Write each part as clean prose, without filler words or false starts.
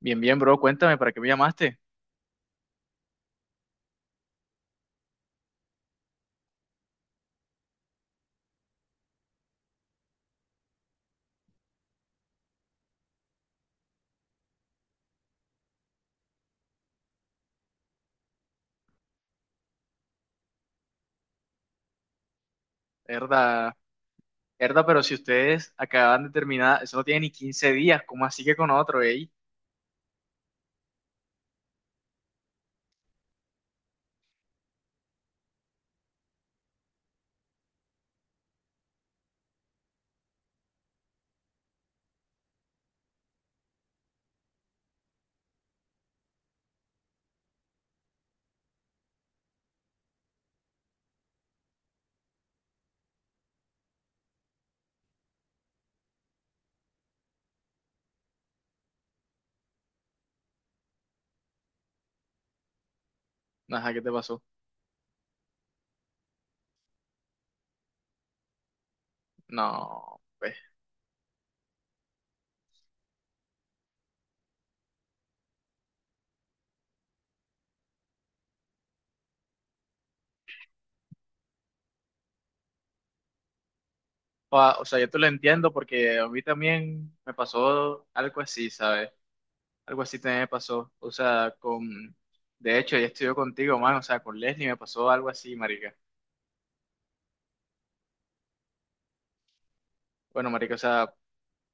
Bien, bien, bro, cuéntame, ¿para qué me llamaste? Herda, herda, pero si ustedes acaban de terminar, eso no tiene ni 15 días, ¿cómo así que con otro, eh? Ajá, ¿qué te pasó? No, pues, o sea, yo te lo entiendo porque a mí también me pasó algo así, ¿sabes? Algo así también me pasó, o sea, de hecho, ya estudió contigo, man, o sea, con Leslie me pasó algo así, marica. Bueno, marica, o sea,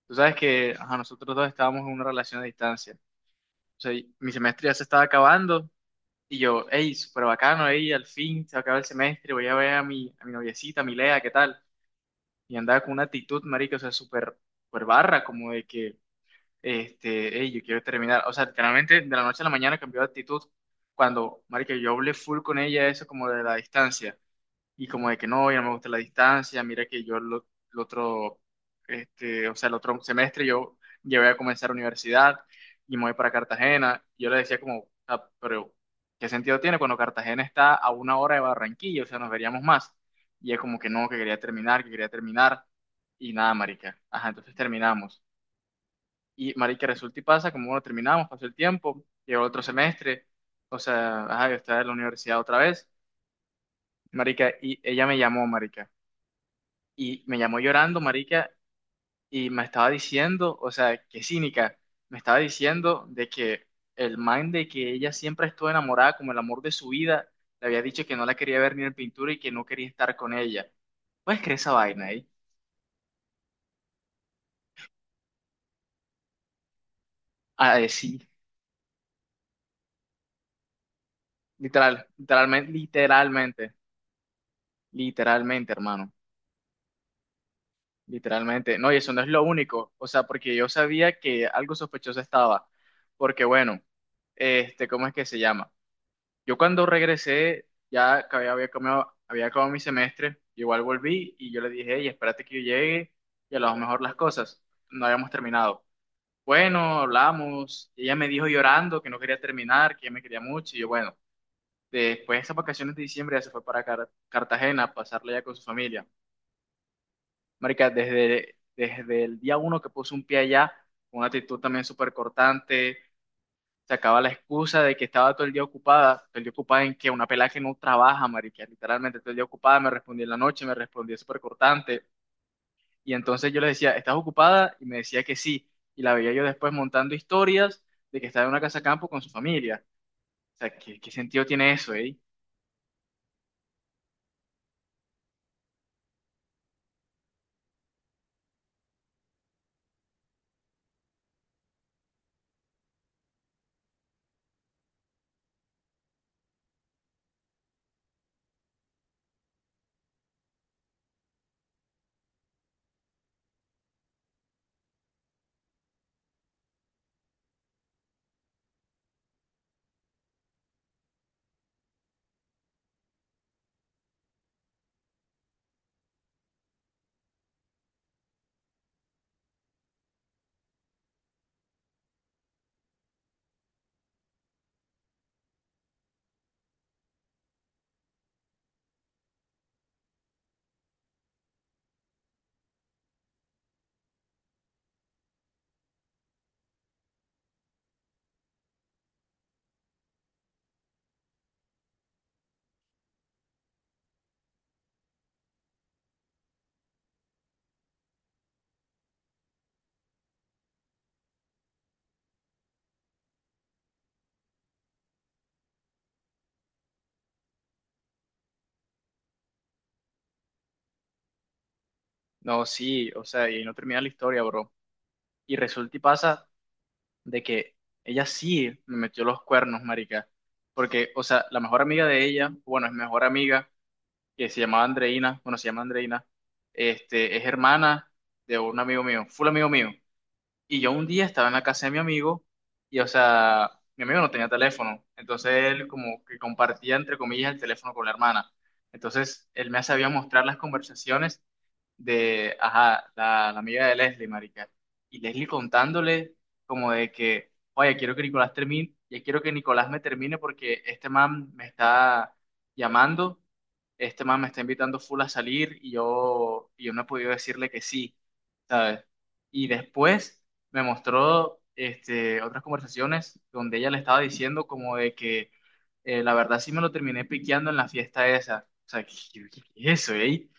tú sabes que, ajá, nosotros dos estábamos en una relación a distancia, o sea, y mi semestre ya se estaba acabando. Y yo, hey, súper bacano, hey, al fin se acaba el semestre, voy a ver a a mi noviecita, a mi Lea, ¿qué tal? Y andaba con una actitud, marica, o sea, súper, súper barra, como de que, este, hey, yo quiero terminar. O sea, literalmente de la noche a la mañana cambió de actitud cuando, marica, yo hablé full con ella, eso como de la distancia y como de que no, ya no me gusta la distancia, mira que el otro, este, o sea, el otro semestre yo ya voy a comenzar universidad y me voy para Cartagena. Y yo le decía como, "Ah, pero ¿qué sentido tiene cuando Cartagena está a 1 hora de Barranquilla? O sea, nos veríamos más". Y es como que no, que quería terminar y nada, marica. Ajá, entonces terminamos. Y marica, resulta y pasa, como bueno, terminamos, pasó el tiempo, llegó otro semestre, o sea, ajá, yo estaba en la universidad otra vez, marica, y ella me llamó, marica, y me llamó llorando, marica, y me estaba diciendo, o sea, qué cínica, me estaba diciendo de que el man de que ella siempre estuvo enamorada como el amor de su vida, le había dicho que no la quería ver ni en pintura y que no quería estar con ella. ¿Puedes creer esa vaina ahí? Ah, sí, literal, literalmente, literalmente, literalmente, hermano, literalmente. No, y eso no es lo único, o sea, porque yo sabía que algo sospechoso estaba, porque bueno, este, ¿cómo es que se llama? Yo cuando regresé, ya que había acabado mi semestre, igual volví y yo le dije, hey, espérate que yo llegue y a lo mejor las cosas. No habíamos terminado. Bueno, hablamos, y ella me dijo llorando que no quería terminar, que ella me quería mucho, y yo, bueno, después de esas vacaciones de diciembre ya se fue para Cartagena a pasarla ya con su familia. Marica, desde el día 1 que puso un pie allá, con una actitud también súper cortante, sacaba la excusa de que estaba todo el día ocupada, todo el día ocupada en que una pelada que no trabaja, marica, literalmente todo el día ocupada, me respondía en la noche, me respondía súper cortante, y entonces yo le decía, ¿estás ocupada? Y me decía que sí, y la veía yo después montando historias de que estaba en una casa campo con su familia, o sea, ¿qué sentido tiene eso, eh? No, sí, o sea, y no termina la historia, bro, y resulta y pasa de que ella sí me metió los cuernos, marica, porque, o sea, la mejor amiga de ella, bueno, es mejor amiga, que se llamaba Andreina, bueno, se llama Andreina, este, es hermana de un amigo mío, full amigo mío. Y yo un día estaba en la casa de mi amigo y, o sea, mi amigo no tenía teléfono, entonces él como que compartía, entre comillas, el teléfono con la hermana. Entonces él me sabía mostrar las conversaciones de, ajá, la amiga de Leslie, marica. Y Leslie contándole como de que, oye, quiero que Nicolás termine, ya quiero que Nicolás me termine porque este man me está llamando, este man me está invitando full a salir y yo no he podido decirle que sí, ¿sabes? Y después me mostró este, otras conversaciones donde ella le estaba diciendo como de que la verdad sí me lo terminé piqueando en la fiesta esa. O sea, ¿qué es eso, eh?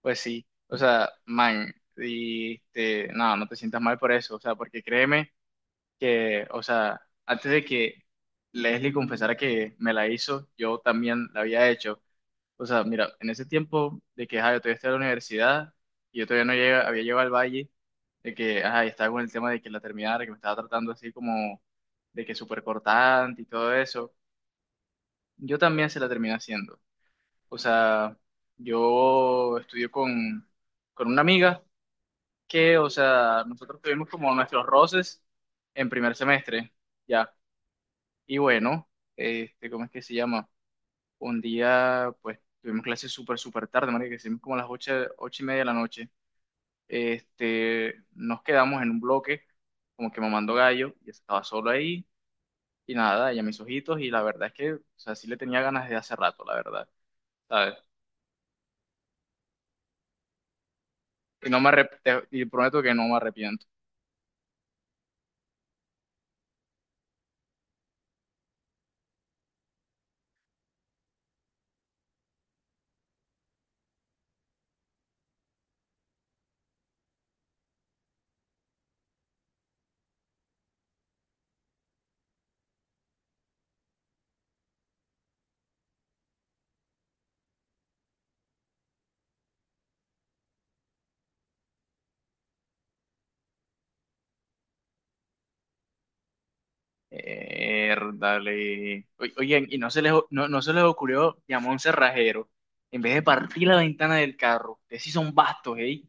Pues sí, o sea, man, y este, no, no te sientas mal por eso, o sea, porque créeme que, o sea, antes de que Leslie confesara que me la hizo, yo también la había hecho. O sea, mira, en ese tiempo de que, ajá, yo todavía estaba en la universidad y yo todavía no llega- había llegado al valle, de que, ajá, y estaba con el tema de que la terminara, que me estaba tratando así como de que súper cortante y todo eso, yo también se la terminé haciendo. O sea, yo estudio con una amiga que, o sea, nosotros tuvimos como nuestros roces en primer semestre, ya. Y bueno, este, ¿cómo es que se llama? Un día, pues, tuvimos clases súper, súper tarde, marica, que hicimos como a las 8, 8:30 de la noche. Este, nos quedamos en un bloque, como que mamando gallo, y estaba solo ahí, y nada, ella mis ojitos, y la verdad es que, o sea, sí le tenía ganas de hace rato, la verdad, ¿sabes? Y no me arrep- te- y prometo que no me arrepiento. Dale. Oye, no, no se les ocurrió llamar a un cerrajero en vez de partir la ventana del carro. Ustedes sí son bastos, ¿eh?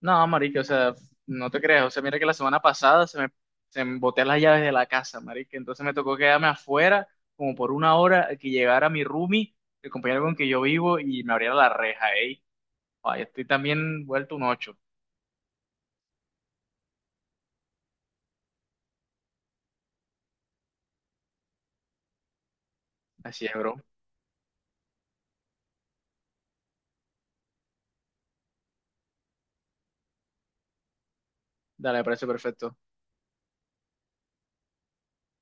No, marica, o sea, no te creas. O sea, mira que la semana pasada se me boté las llaves de la casa, marica. Entonces me tocó quedarme afuera como por 1 hora a que llegara mi roomie, el compañero con que yo vivo, y me abriera la reja, ¿eh? Ay, estoy también vuelto un ocho. Así es, bro. Dale, me parece perfecto.